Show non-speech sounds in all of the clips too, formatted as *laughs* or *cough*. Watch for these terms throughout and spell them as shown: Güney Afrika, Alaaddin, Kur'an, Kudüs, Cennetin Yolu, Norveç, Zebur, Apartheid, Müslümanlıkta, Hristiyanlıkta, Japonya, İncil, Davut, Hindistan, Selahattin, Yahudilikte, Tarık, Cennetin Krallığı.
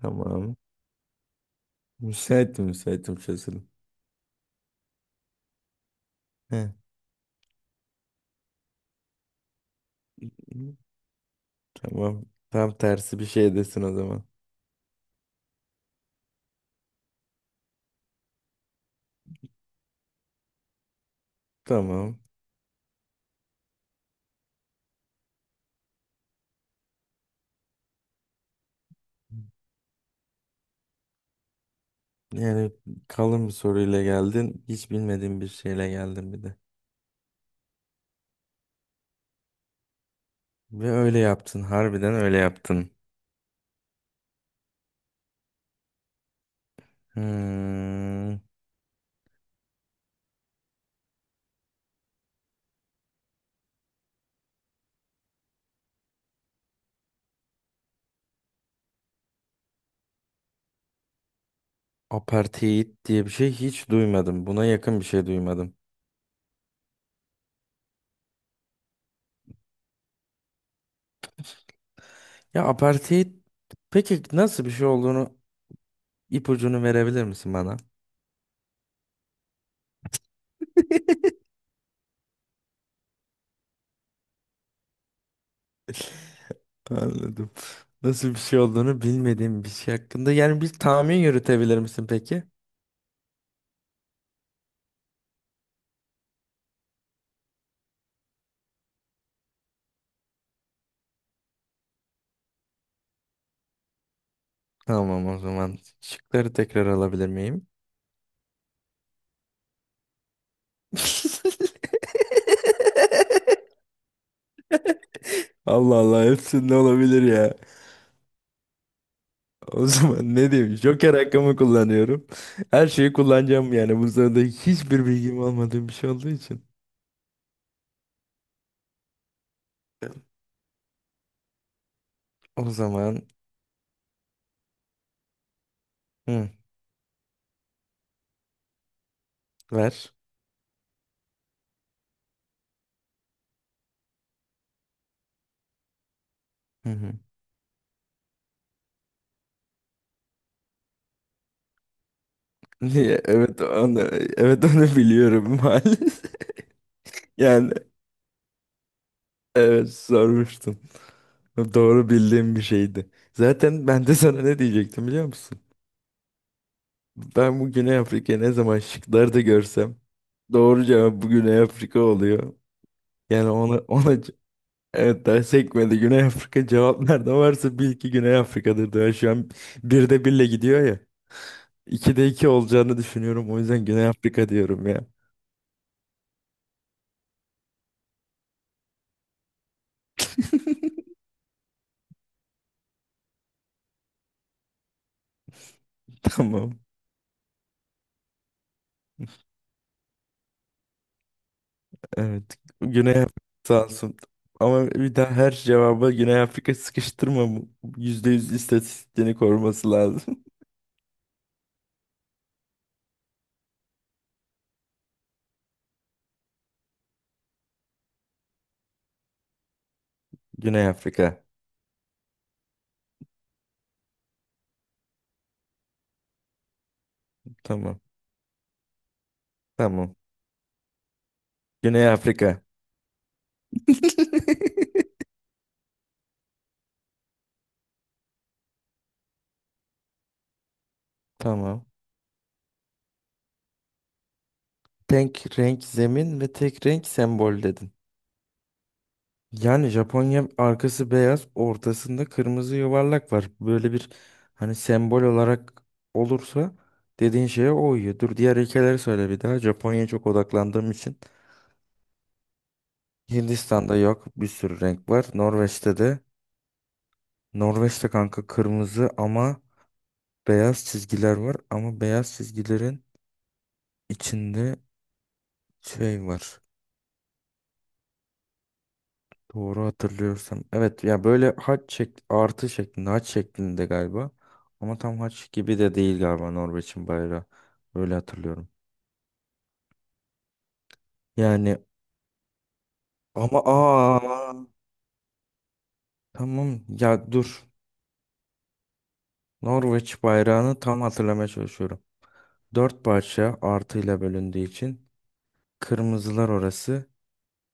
Tamam. Müsaitim müsaitim çözülüm. Heh. Tamam. Tam tersi bir şey desin o zaman. Tamam. Yani kalın bir soruyla geldin. Hiç bilmediğim bir şeyle geldin bir de. Ve öyle yaptın. Harbiden öyle yaptın. Hmm. Apartheid diye bir şey hiç duymadım. Buna yakın bir şey duymadım. Ya apartheid peki nasıl bir şey olduğunu ipucunu verebilir misin bana? Anladım. Nasıl bir şey olduğunu bilmediğim bir şey hakkında. Yani bir tahmin yürütebilir misin peki? Tamam o zaman. Şıkları tekrar alabilir miyim? *laughs* Allah Allah hepsinde olabilir ya. O zaman ne diyeyim? Joker hakkımı kullanıyorum. Her şeyi kullanacağım yani. Bu sırada hiçbir bilgim olmadığı bir şey olduğu için. O zaman hı, ver. Hı hı. Niye? Evet onu biliyorum maalesef. *laughs* Yani evet sormuştun. Doğru bildiğim bir şeydi. Zaten ben de sana ne diyecektim biliyor musun? Ben bu Güney Afrika'yı ne zaman şıklarda görsem doğru cevap bu Güney Afrika oluyor. Yani ona evet daha sekmedi, Güney Afrika cevap nerede varsa bil ki Güney Afrika'dır, daha şu an birde birle gidiyor ya. İkide iki olacağını düşünüyorum, o yüzden Güney Afrika diyorum ya. *laughs* Tamam, evet Güney Afrika sağ olsun. Ama bir daha her cevaba Güney Afrika sıkıştırma. %100 istatistiğini koruması lazım. Güney Afrika. Tamam. Tamam. Güney Afrika. *laughs* Tamam. Tek renk zemin ve tek renk sembol dedin. Yani Japonya arkası beyaz, ortasında kırmızı yuvarlak var. Böyle bir, hani, sembol olarak olursa dediğin şeye o uyuyor. Dur, diğer ülkeleri söyle bir daha. Japonya'ya çok odaklandığım için. Hindistan'da yok, bir sürü renk var. Norveç'te de. Norveç'te kanka kırmızı ama beyaz çizgiler var. Ama beyaz çizgilerin içinde şey var. Doğru hatırlıyorsam. Evet, ya böyle haç artı şeklinde, haç şeklinde galiba. Ama tam haç gibi de değil galiba Norveç'in bayrağı. Öyle hatırlıyorum. Yani, ama tamam ya, dur. Norveç bayrağını tam hatırlamaya çalışıyorum. Dört parça artıyla bölündüğü için kırmızılar orası.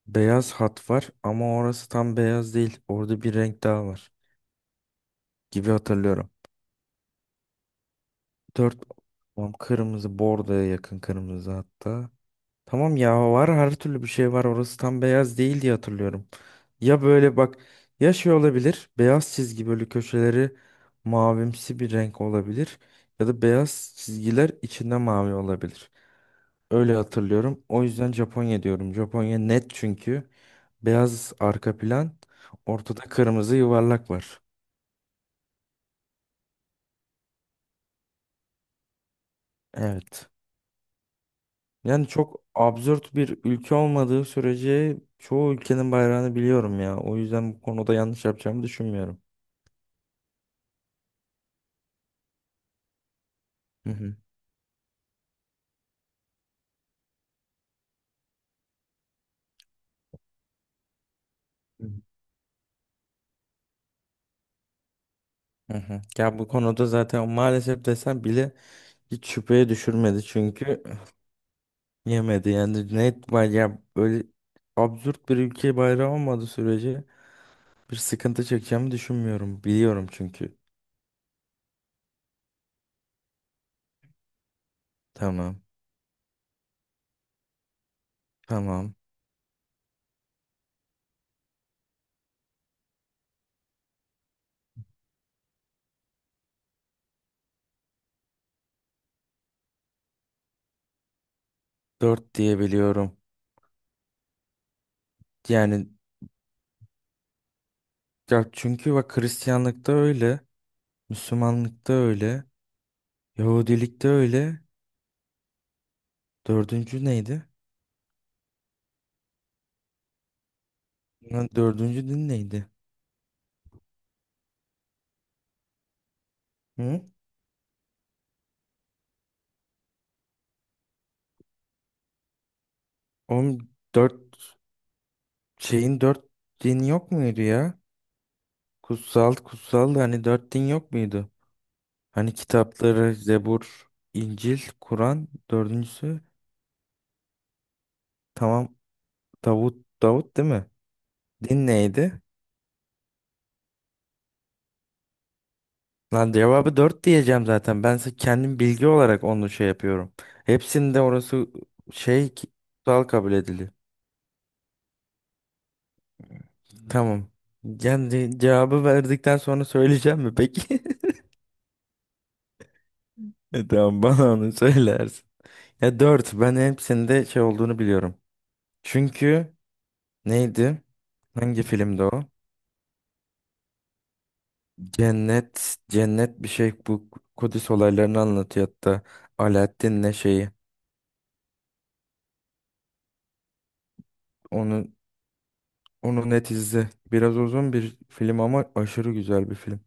Beyaz hat var ama orası tam beyaz değil. Orada bir renk daha var gibi hatırlıyorum. Dört, tamam, kırmızı bordoya yakın kırmızı hatta. Tamam ya, var, her türlü bir şey var, orası tam beyaz değil diye hatırlıyorum. Ya böyle bak, ya şey olabilir, beyaz çizgi böyle köşeleri mavimsi bir renk olabilir. Ya da beyaz çizgiler içinde mavi olabilir. Öyle hatırlıyorum. O yüzden Japonya diyorum. Japonya net çünkü. Beyaz arka plan, ortada kırmızı yuvarlak var. Evet. Yani çok absürt bir ülke olmadığı sürece çoğu ülkenin bayrağını biliyorum ya. O yüzden bu konuda yanlış yapacağımı düşünmüyorum. Hı hı. Hı hı. Ya bu konuda zaten maalesef desem bile hiç şüpheye düşürmedi çünkü yemedi yani, net ya böyle absürt bir ülke bayrağı olmadığı sürece bir sıkıntı çekeceğimi düşünmüyorum, biliyorum çünkü. Tamam. Tamam, dört diye biliyorum yani. Ya çünkü bak, Hristiyanlıkta öyle, Müslümanlıkta öyle, Yahudilikte öyle. Dördüncü neydi? Lan, dördüncü din neydi? Hı? Oğlum, dört şeyin dört dini yok muydu ya? Kutsal, kutsal da hani dört din yok muydu? Hani kitapları Zebur, İncil, Kur'an, dördüncüsü, tamam, Davut. Davut değil mi? Din neydi? Lan, cevabı dört diyeceğim zaten. Ben kendim bilgi olarak onu şey yapıyorum. Hepsinde orası şey ki- kutsal kabul ediliyor. Tamam. Yani cevabı verdikten sonra söyleyeceğim mi peki? *laughs* E, tamam, bana onu söylersin. Ya dört, ben hepsinde şey olduğunu biliyorum. Çünkü neydi? Hangi filmde o? Cennet, cennet bir şey, bu Kudüs olaylarını anlatıyor hatta. Alaaddin'le şeyi. Onu, onu net izle. Biraz uzun bir film ama aşırı güzel bir film.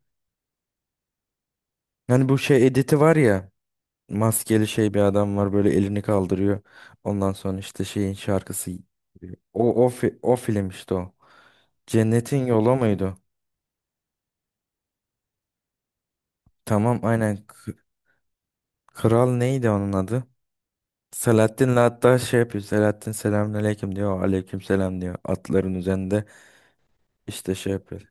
Yani bu şey editi var ya. Maskeli şey bir adam var, böyle elini kaldırıyor. Ondan sonra işte şeyin şarkısı giriyor. O film işte o. Cennetin Yolu muydu? Tamam aynen. Kral neydi onun adı? Selahattin'le hatta şey yapıyor. Selahattin selamünaleyküm diyor. Aleyküm selam diyor. Atların üzerinde işte şey yapıyor.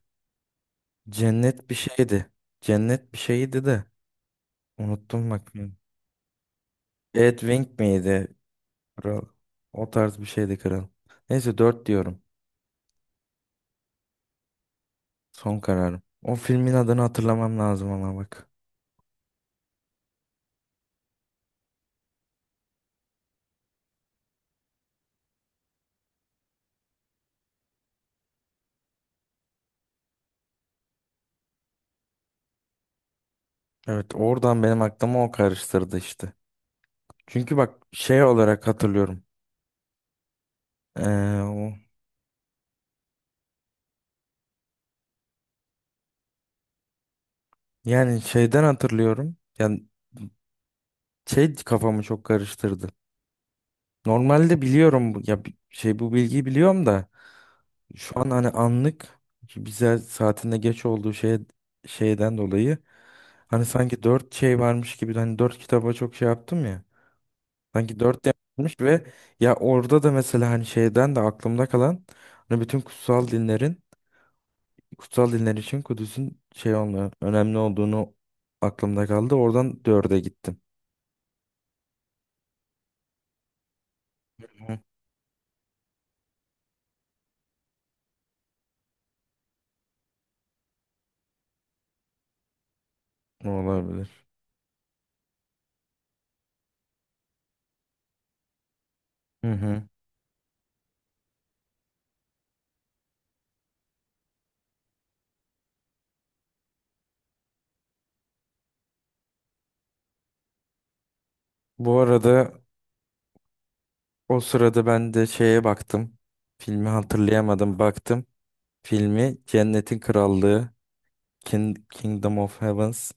Cennet bir şeydi. Cennet bir şeydi de. Unuttum bak. Edwin miydi? Kral. O tarz bir şeydi kral. Neyse, 4 diyorum. Son kararım. O filmin adını hatırlamam lazım ama bak. Evet, oradan benim aklıma o karıştırdı işte. Çünkü bak, şey olarak hatırlıyorum. Ee, o, Yani şeyden hatırlıyorum. Yani şey kafamı çok karıştırdı. Normalde biliyorum ya şey, bu bilgiyi biliyorum da şu an hani anlık bize saatinde geç olduğu şeyden dolayı hani sanki dört şey varmış gibi, hani dört kitaba çok şey yaptım ya. Sanki dört yapmış ve ya orada da mesela hani şeyden de aklımda kalan, hani bütün kutsal dinler için Kudüs'ün şey olmuyor, önemli olduğunu aklımda kaldı. Oradan dörde gittim. Hı. Olabilir. Hı hı. Bu arada o sırada ben de şeye baktım. Filmi hatırlayamadım, baktım. Filmi Cennetin Krallığı, King, Kingdom of Heavens.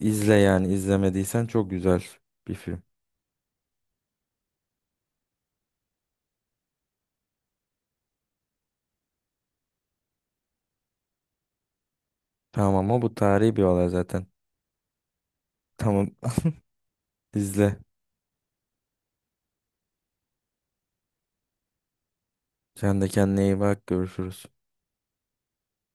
İzle yani, izlemediysen çok güzel bir film. Tamam, ama bu tarihi bir olay zaten. Tamam. İzle. Sen de kendine iyi bak. Görüşürüz.